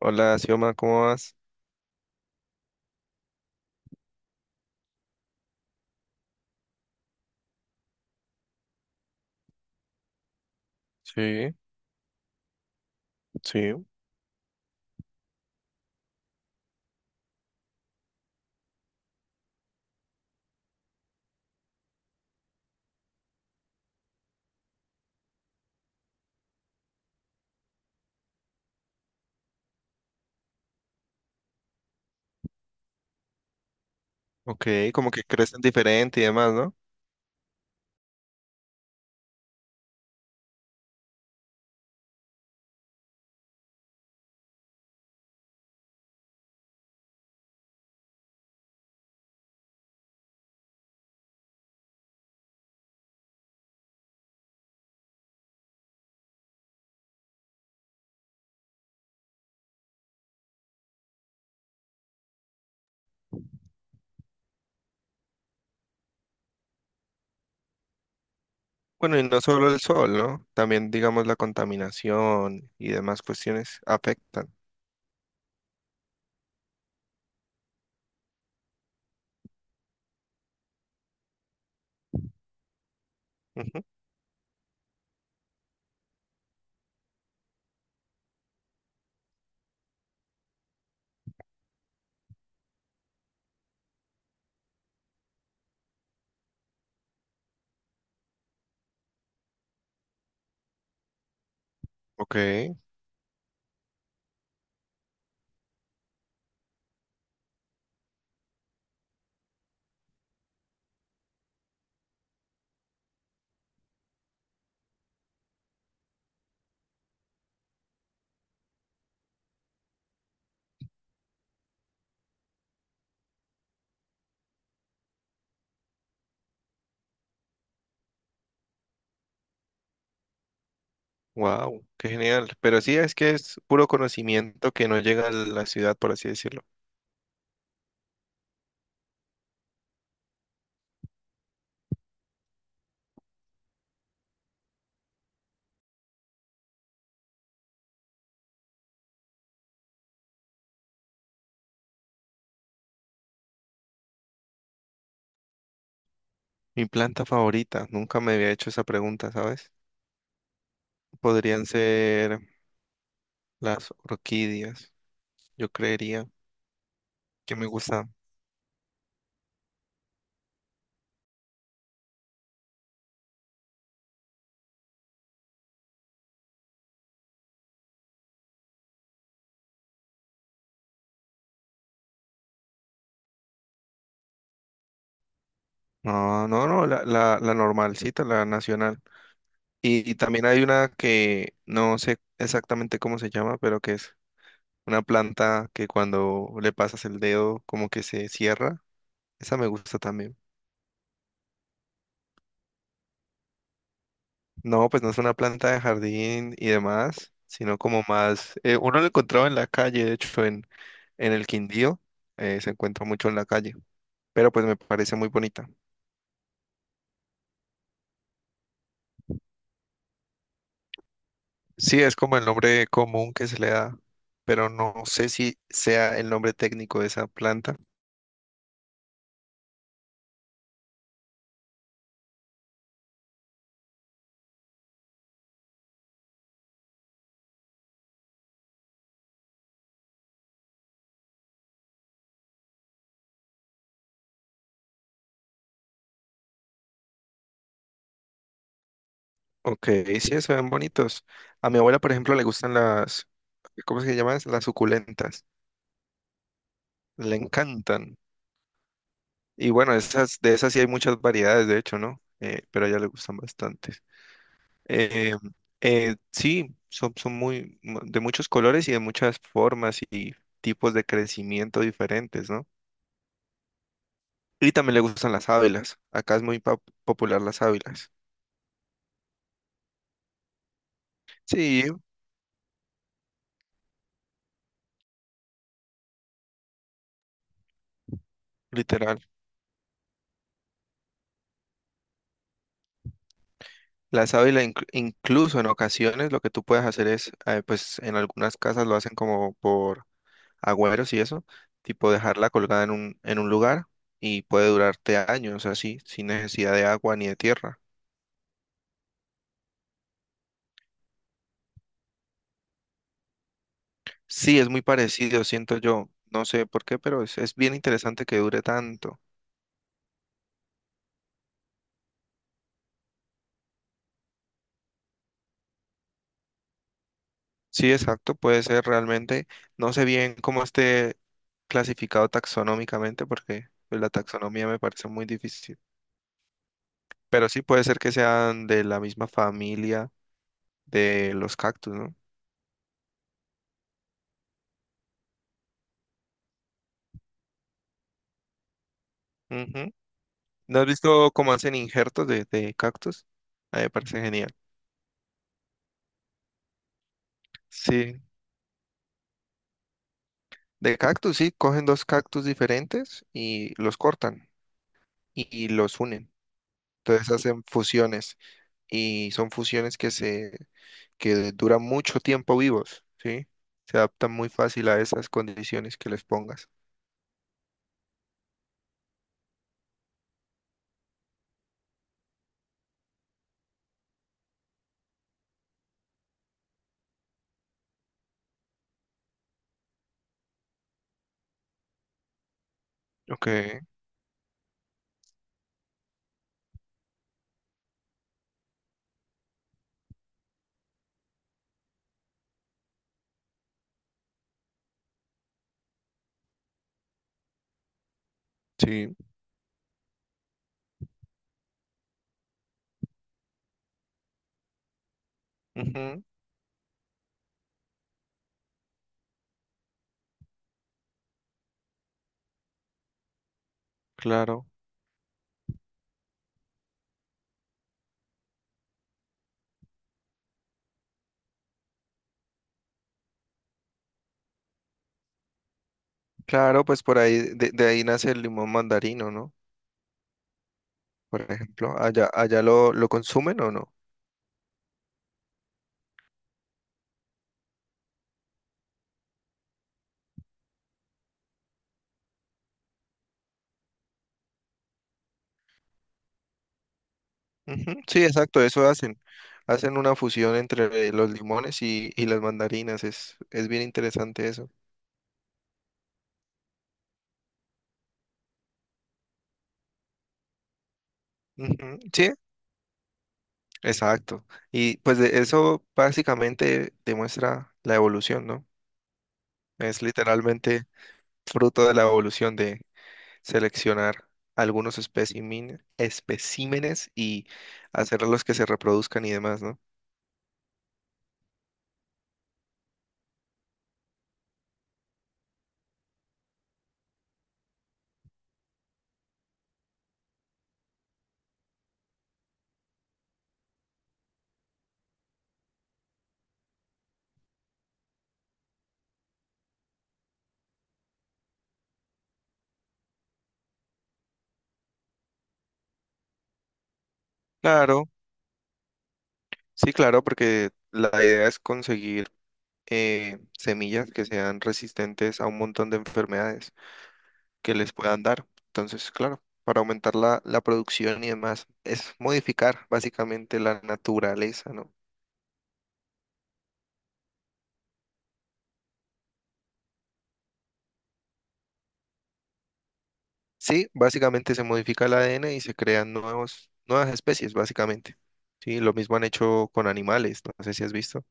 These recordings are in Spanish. Hola, Xioma, ¿cómo vas? Sí, sí. Ok, como que crecen diferente y demás, ¿no? Bueno, y no solo el sol, ¿no? También, digamos, la contaminación y demás cuestiones afectan. Ujú. Ok, wow, qué genial. Pero sí, es que es puro conocimiento que no llega a la ciudad, por así decirlo. Mi planta favorita, nunca me había hecho esa pregunta, ¿sabes? Podrían ser las orquídeas, yo creería que me gusta. No, no, no, la normalcita, la nacional. Y también hay una que no sé exactamente cómo se llama, pero que es una planta que cuando le pasas el dedo como que se cierra. Esa me gusta también. No, pues no es una planta de jardín y demás, sino como más... uno lo encontraba en la calle, de hecho, en el Quindío, se encuentra mucho en la calle, pero pues me parece muy bonita. Sí, es como el nombre común que se le da, pero no sé si sea el nombre técnico de esa planta. Ok, sí, se ven bonitos. A mi abuela, por ejemplo, le gustan las, ¿cómo se llaman? Las suculentas. Le encantan. Y bueno, esas, de esas sí hay muchas variedades, de hecho, ¿no? Pero a ella le gustan bastantes. Eh, sí, son, son muy, mu- de muchos colores y de muchas formas y tipos de crecimiento diferentes, ¿no? Y también le gustan las ávilas. Acá es muy pop- popular las ávilas. Sí, literal. La sábila inc- incluso en ocasiones lo que tú puedes hacer es, pues en algunas casas lo hacen como por agüeros y eso, tipo dejarla colgada en un lugar y puede durarte años así, sin necesidad de agua ni de tierra. Sí, es muy parecido, siento yo, no sé por qué, pero es bien interesante que dure tanto. Sí, exacto, puede ser realmente, no sé bien cómo esté clasificado taxonómicamente porque pues, la taxonomía me parece muy difícil. Pero sí puede ser que sean de la misma familia de los cactus, ¿no? Ujú. ¿No has visto cómo hacen injertos de cactus? A mí me parece genial. Sí, de cactus, sí, cogen dos cactus diferentes y los cortan y los unen. Entonces hacen fusiones y son fusiones que duran mucho tiempo vivos, ¿sí? Se adaptan muy fácil a esas condiciones que les pongas. Ok, sí, ujú, claro. Claro, pues por ahí, de ahí nace el limón mandarino, ¿no? Por ejemplo. Allá, allá lo consumen o no. Ujú, sí, exacto, eso hacen. Hacen una fusión entre los limones y las mandarinas. Es bien interesante eso. Ujú, sí, exacto. Y pues de- eso básicamente demuestra la evolución, ¿no? Es literalmente fruto de la evolución de seleccionar algunos espécimen- especímenes y hacerlos que se reproduzcan y demás, ¿no? Claro, sí, claro, porque la idea es conseguir semillas que sean resistentes a un montón de enfermedades que les puedan dar. Entonces, claro, para aumentar la, la producción y demás, es modificar básicamente la naturaleza, ¿no? Sí, básicamente se modifica el ADN y se crean nuevos, nuevas especies, básicamente. Sí, lo mismo han hecho con animales, no sé si has visto.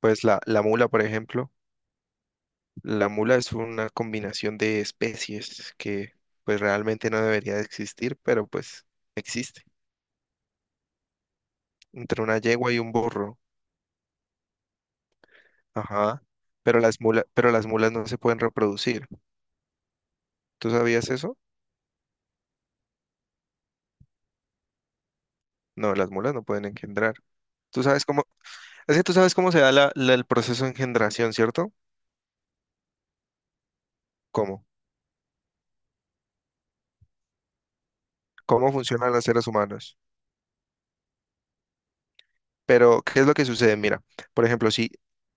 Pues la mula, por ejemplo, la mula es una combinación de especies que pues realmente no debería de existir, pero pues existe entre una yegua y un burro. Ajá. Pero las mulas no se pueden reproducir. ¿Tú sabías eso? No, las mulas no pueden engendrar. ¿Tú sabes cómo? Es que tú sabes cómo se da la- la- el proceso de engendración, ¿cierto? ¿Cómo? ¿Cómo funcionan los seres humanos? Pero, ¿qué es lo que sucede? Mira, por ejemplo, si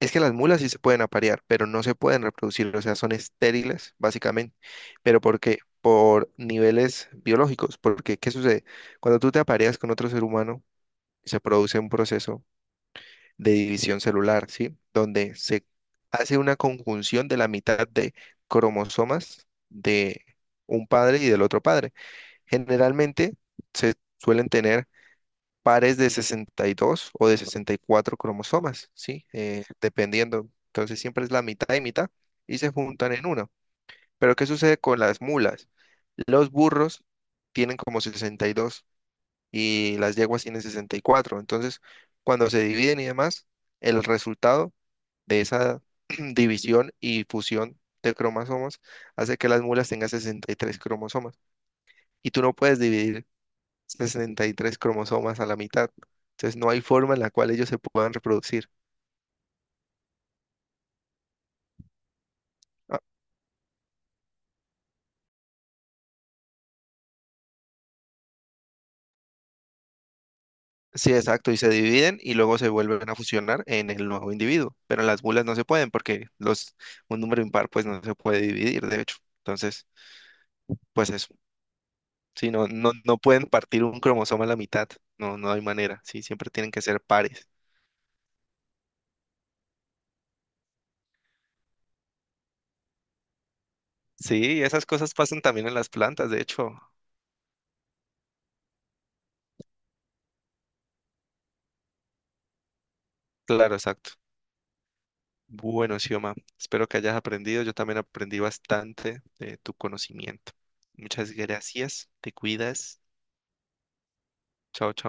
es que las mulas sí se pueden aparear, pero no se pueden reproducir, o sea, son estériles, básicamente. ¿Pero por qué? Por niveles biológicos. Porque, ¿qué sucede? Cuando tú te apareas con otro ser humano, se produce un proceso de división celular, ¿sí? Donde se hace una conjunción de la mitad de cromosomas de un padre y del otro padre. Generalmente se suelen tener pares de 62 o de 64 cromosomas, ¿sí? Dependiendo. Entonces siempre es la mitad y mitad y se juntan en uno. Pero ¿qué sucede con las mulas? Los burros tienen como 62 y las yeguas tienen 64. Entonces, cuando se dividen y demás, el resultado de esa división y fusión de cromosomas hace que las mulas tengan 63 cromosomas. Y tú no puedes dividir 63 cromosomas a la mitad. Entonces no hay forma en la cual ellos se puedan reproducir. Ah, sí, exacto, y se dividen y luego se vuelven a fusionar en el nuevo individuo. Pero las mulas no se pueden porque los, un número impar pues no se puede dividir, de hecho. Entonces, pues eso. Sí, no, no, no pueden partir un cromosoma a la mitad. No, no hay manera. Sí, siempre tienen que ser pares. Sí, esas cosas pasan también en las plantas, de hecho. Claro, exacto. Bueno, Xioma, espero que hayas aprendido. Yo también aprendí bastante de tu conocimiento. Muchas gracias. Te cuidas. Chao, chao.